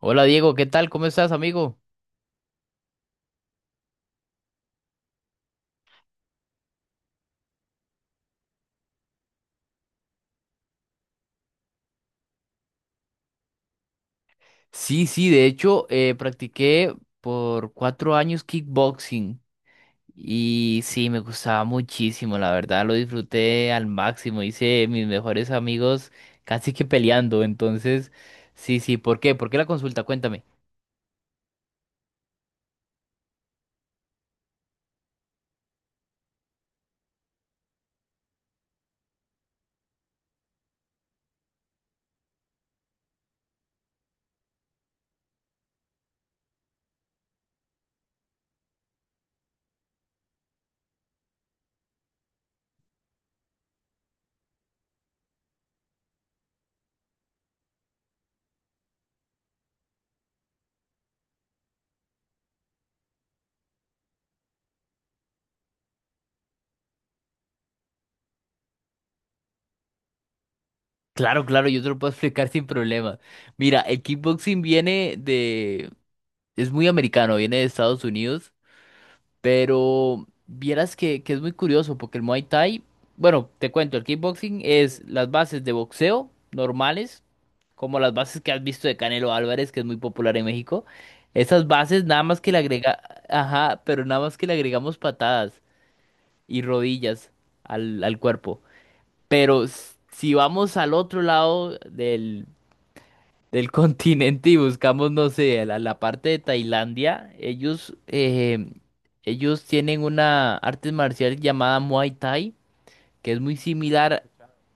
Hola Diego, ¿qué tal? ¿Cómo estás, amigo? Sí, sí, de hecho, practiqué por 4 años kickboxing y sí, me gustaba muchísimo, la verdad, lo disfruté al máximo, hice mis mejores amigos casi que peleando, entonces, sí, sí, ¿por qué? ¿Por qué la consulta? Cuéntame. Claro, claro, yo te lo puedo explicar sin problema. Mira, el kickboxing viene de... es muy americano, viene de Estados Unidos. Pero vieras que es muy curioso porque el Muay Thai, bueno, te cuento, el kickboxing es las bases de boxeo normales, como las bases que has visto de Canelo Álvarez, que es muy popular en México. Esas bases nada más que le agrega, ajá, pero nada más que le agregamos patadas y rodillas al cuerpo. Pero si vamos al otro lado del continente y buscamos, no sé, la parte de Tailandia, ellos, ellos tienen una arte marcial llamada Muay Thai, que es muy similar,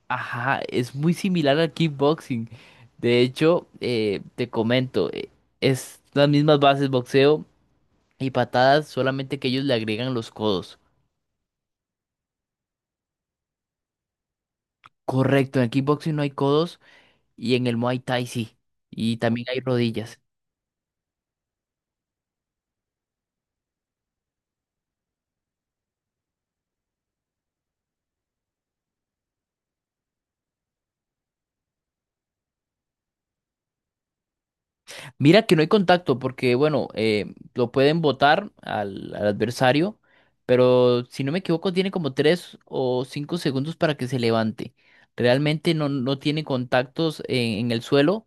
ajá, es muy similar al kickboxing. De hecho, te comento, es las mismas bases, boxeo y patadas, solamente que ellos le agregan los codos. Correcto, en el kickboxing no hay codos y en el Muay Thai sí. Y también hay rodillas. Mira que no hay contacto porque, bueno, lo pueden botar al adversario, pero si no me equivoco tiene como 3 o 5 segundos para que se levante. Realmente no, no tiene contactos en el suelo.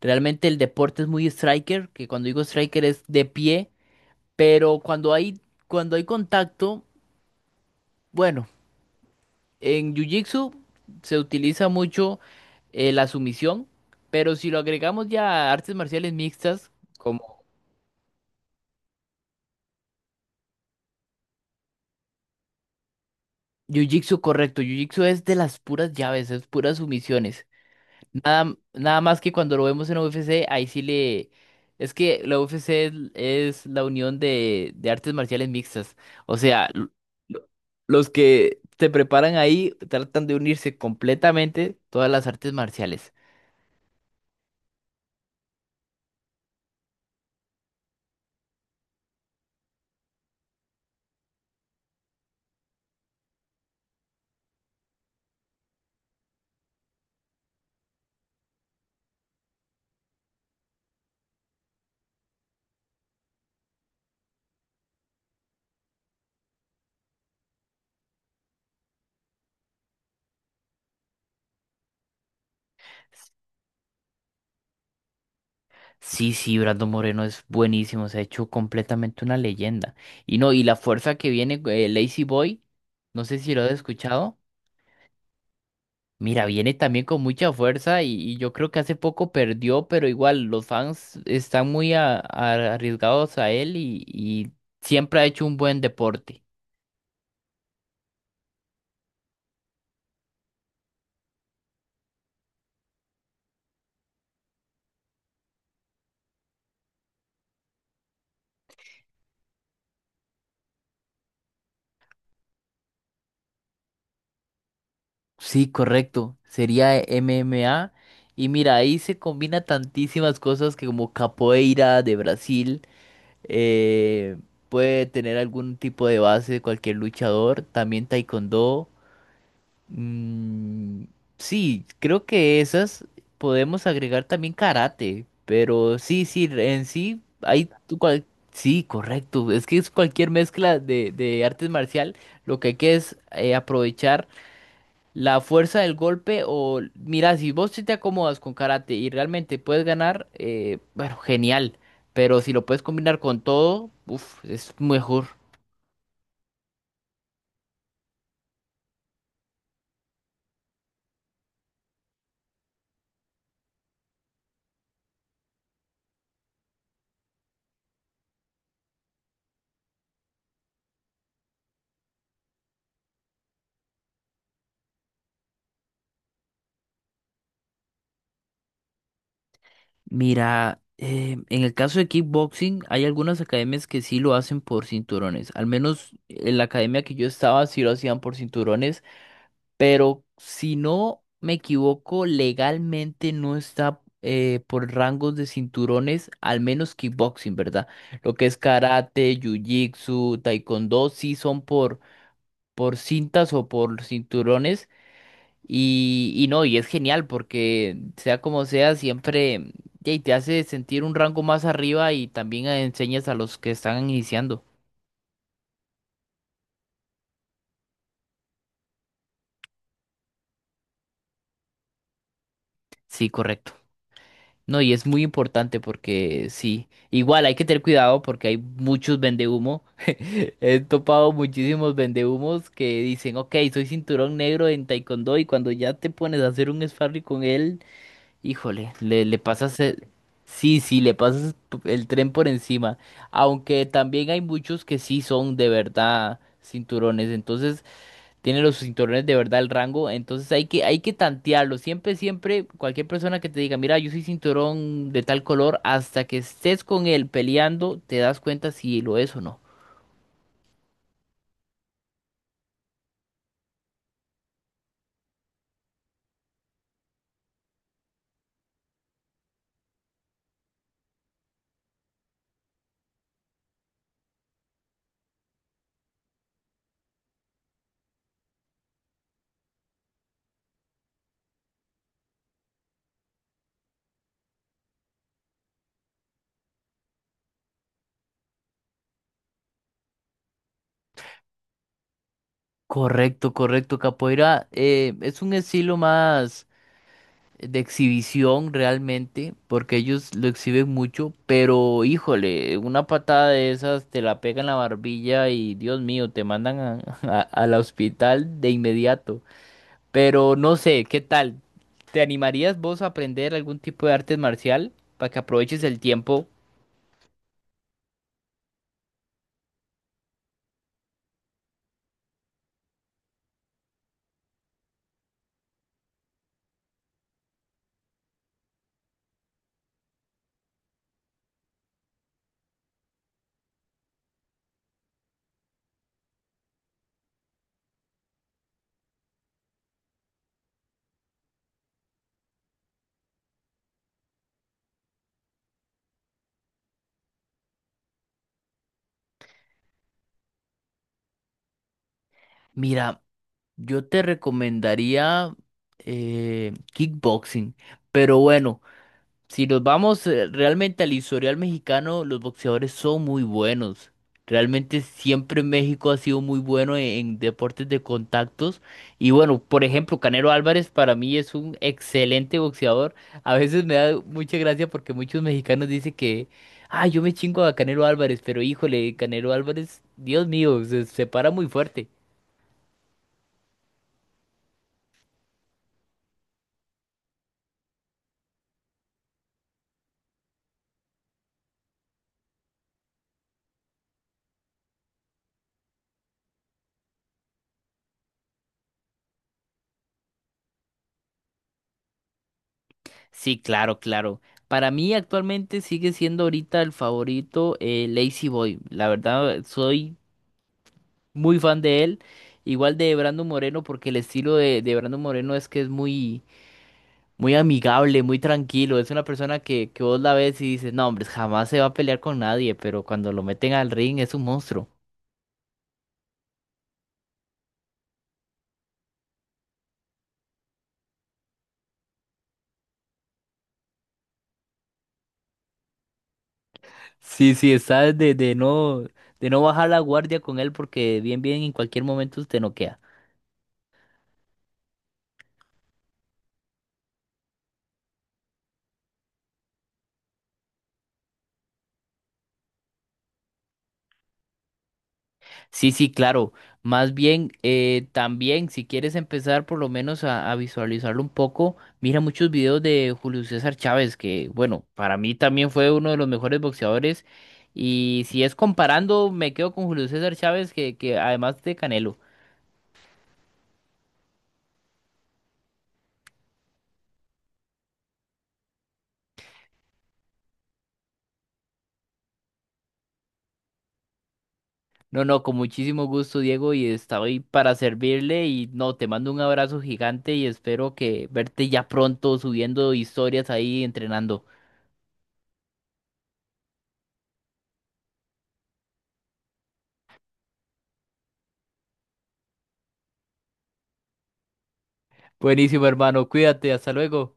Realmente el deporte es muy striker, que cuando digo striker es de pie, pero cuando hay contacto, bueno, en Jiu-Jitsu se utiliza mucho la sumisión, pero si lo agregamos ya a artes marciales mixtas, Jiu-Jitsu, correcto. Jiu-Jitsu es de las puras llaves, es puras sumisiones. Nada, nada más que cuando lo vemos en UFC, ahí sí le... Es que la UFC es la unión de artes marciales mixtas. O sea, lo- los que se preparan ahí tratan de unirse completamente todas las artes marciales. Sí, sí, Brando Moreno es buenísimo, se ha hecho completamente una leyenda. Y no, y la fuerza que viene, Lazy Boy, no sé si lo has escuchado. Mira, viene también con mucha fuerza y yo creo que hace poco perdió, pero igual los fans están muy arriesgados a él y siempre ha hecho un buen deporte. Sí, correcto, sería MMA. Y mira, ahí se combina tantísimas cosas que como capoeira de Brasil, eh, puede tener algún tipo de base de cualquier luchador, también taekwondo. Mm, sí, creo que esas podemos agregar también karate, pero sí, sí, en sí hay tu sí, correcto, es que es cualquier mezcla de artes marcial, lo que hay que es aprovechar la fuerza del golpe o mira, si vos sí te acomodas con karate y realmente puedes ganar, bueno, genial, pero si lo puedes combinar con todo, uf, es mejor. Mira, en el caso de kickboxing, hay algunas academias que sí lo hacen por cinturones. Al menos en la academia que yo estaba sí lo hacían por cinturones, pero si no me equivoco, legalmente no está por rangos de cinturones, al menos kickboxing, ¿verdad? Lo que es karate, jiu-jitsu, taekwondo, sí son por cintas o por cinturones. Y no, y es genial porque sea como sea, siempre y te hace sentir un rango más arriba y también enseñas a los que están iniciando. Sí, correcto. No, y es muy importante porque sí, igual hay que tener cuidado porque hay muchos vendehumo. He topado muchísimos vendehumos que dicen, ok, soy cinturón negro en taekwondo y cuando ya te pones a hacer un sparring con él, híjole, le pasas el... Sí, sí, le pasas el tren por encima. Aunque también hay muchos que sí son de verdad cinturones. Entonces, tienen los cinturones de verdad el rango. Entonces hay que tantearlo. Siempre, siempre, cualquier persona que te diga, mira, yo soy cinturón de tal color, hasta que estés con él peleando, te das cuenta si lo es o no. Correcto, correcto. Capoeira, es un estilo más de exhibición realmente, porque ellos lo exhiben mucho, pero híjole, una patada de esas te la pega en la barbilla y Dios mío, te mandan al hospital de inmediato. Pero no sé, ¿qué tal? ¿Te animarías vos a aprender algún tipo de arte marcial para que aproveches el tiempo? Mira, yo te recomendaría kickboxing, pero bueno. Si nos vamos realmente al historial mexicano, los boxeadores son muy buenos. Realmente siempre México ha sido muy bueno en deportes de contactos. Y bueno, por ejemplo, Canelo Álvarez para mí es un excelente boxeador. A veces me da mucha gracia porque muchos mexicanos dicen que, ah, yo me chingo a Canelo Álvarez, pero híjole, Canelo Álvarez, Dios mío, se para muy fuerte. Sí, claro, claro. Para mí actualmente sigue siendo ahorita el favorito Lazy Boy. La verdad, soy muy fan de él. Igual de Brando Moreno, porque el estilo de Brando Moreno es que es muy, muy amigable, muy tranquilo. Es una persona que vos la ves y dices, no, hombre, jamás se va a pelear con nadie, pero cuando lo meten al ring es un monstruo. Sí, sí, está de no bajar la guardia con él porque bien, bien en cualquier momento te noquea. Sí, sí, claro. Más bien, también, si quieres empezar por lo menos a visualizarlo un poco, mira muchos videos de Julio César Chávez, que bueno, para mí también fue uno de los mejores boxeadores. Y si es comparando, me quedo con Julio César Chávez, que además de Canelo. No, no, con muchísimo gusto, Diego, y estoy para servirle. Y no, te mando un abrazo gigante y espero que verte ya pronto subiendo historias ahí entrenando. Buenísimo, hermano. Cuídate, hasta luego.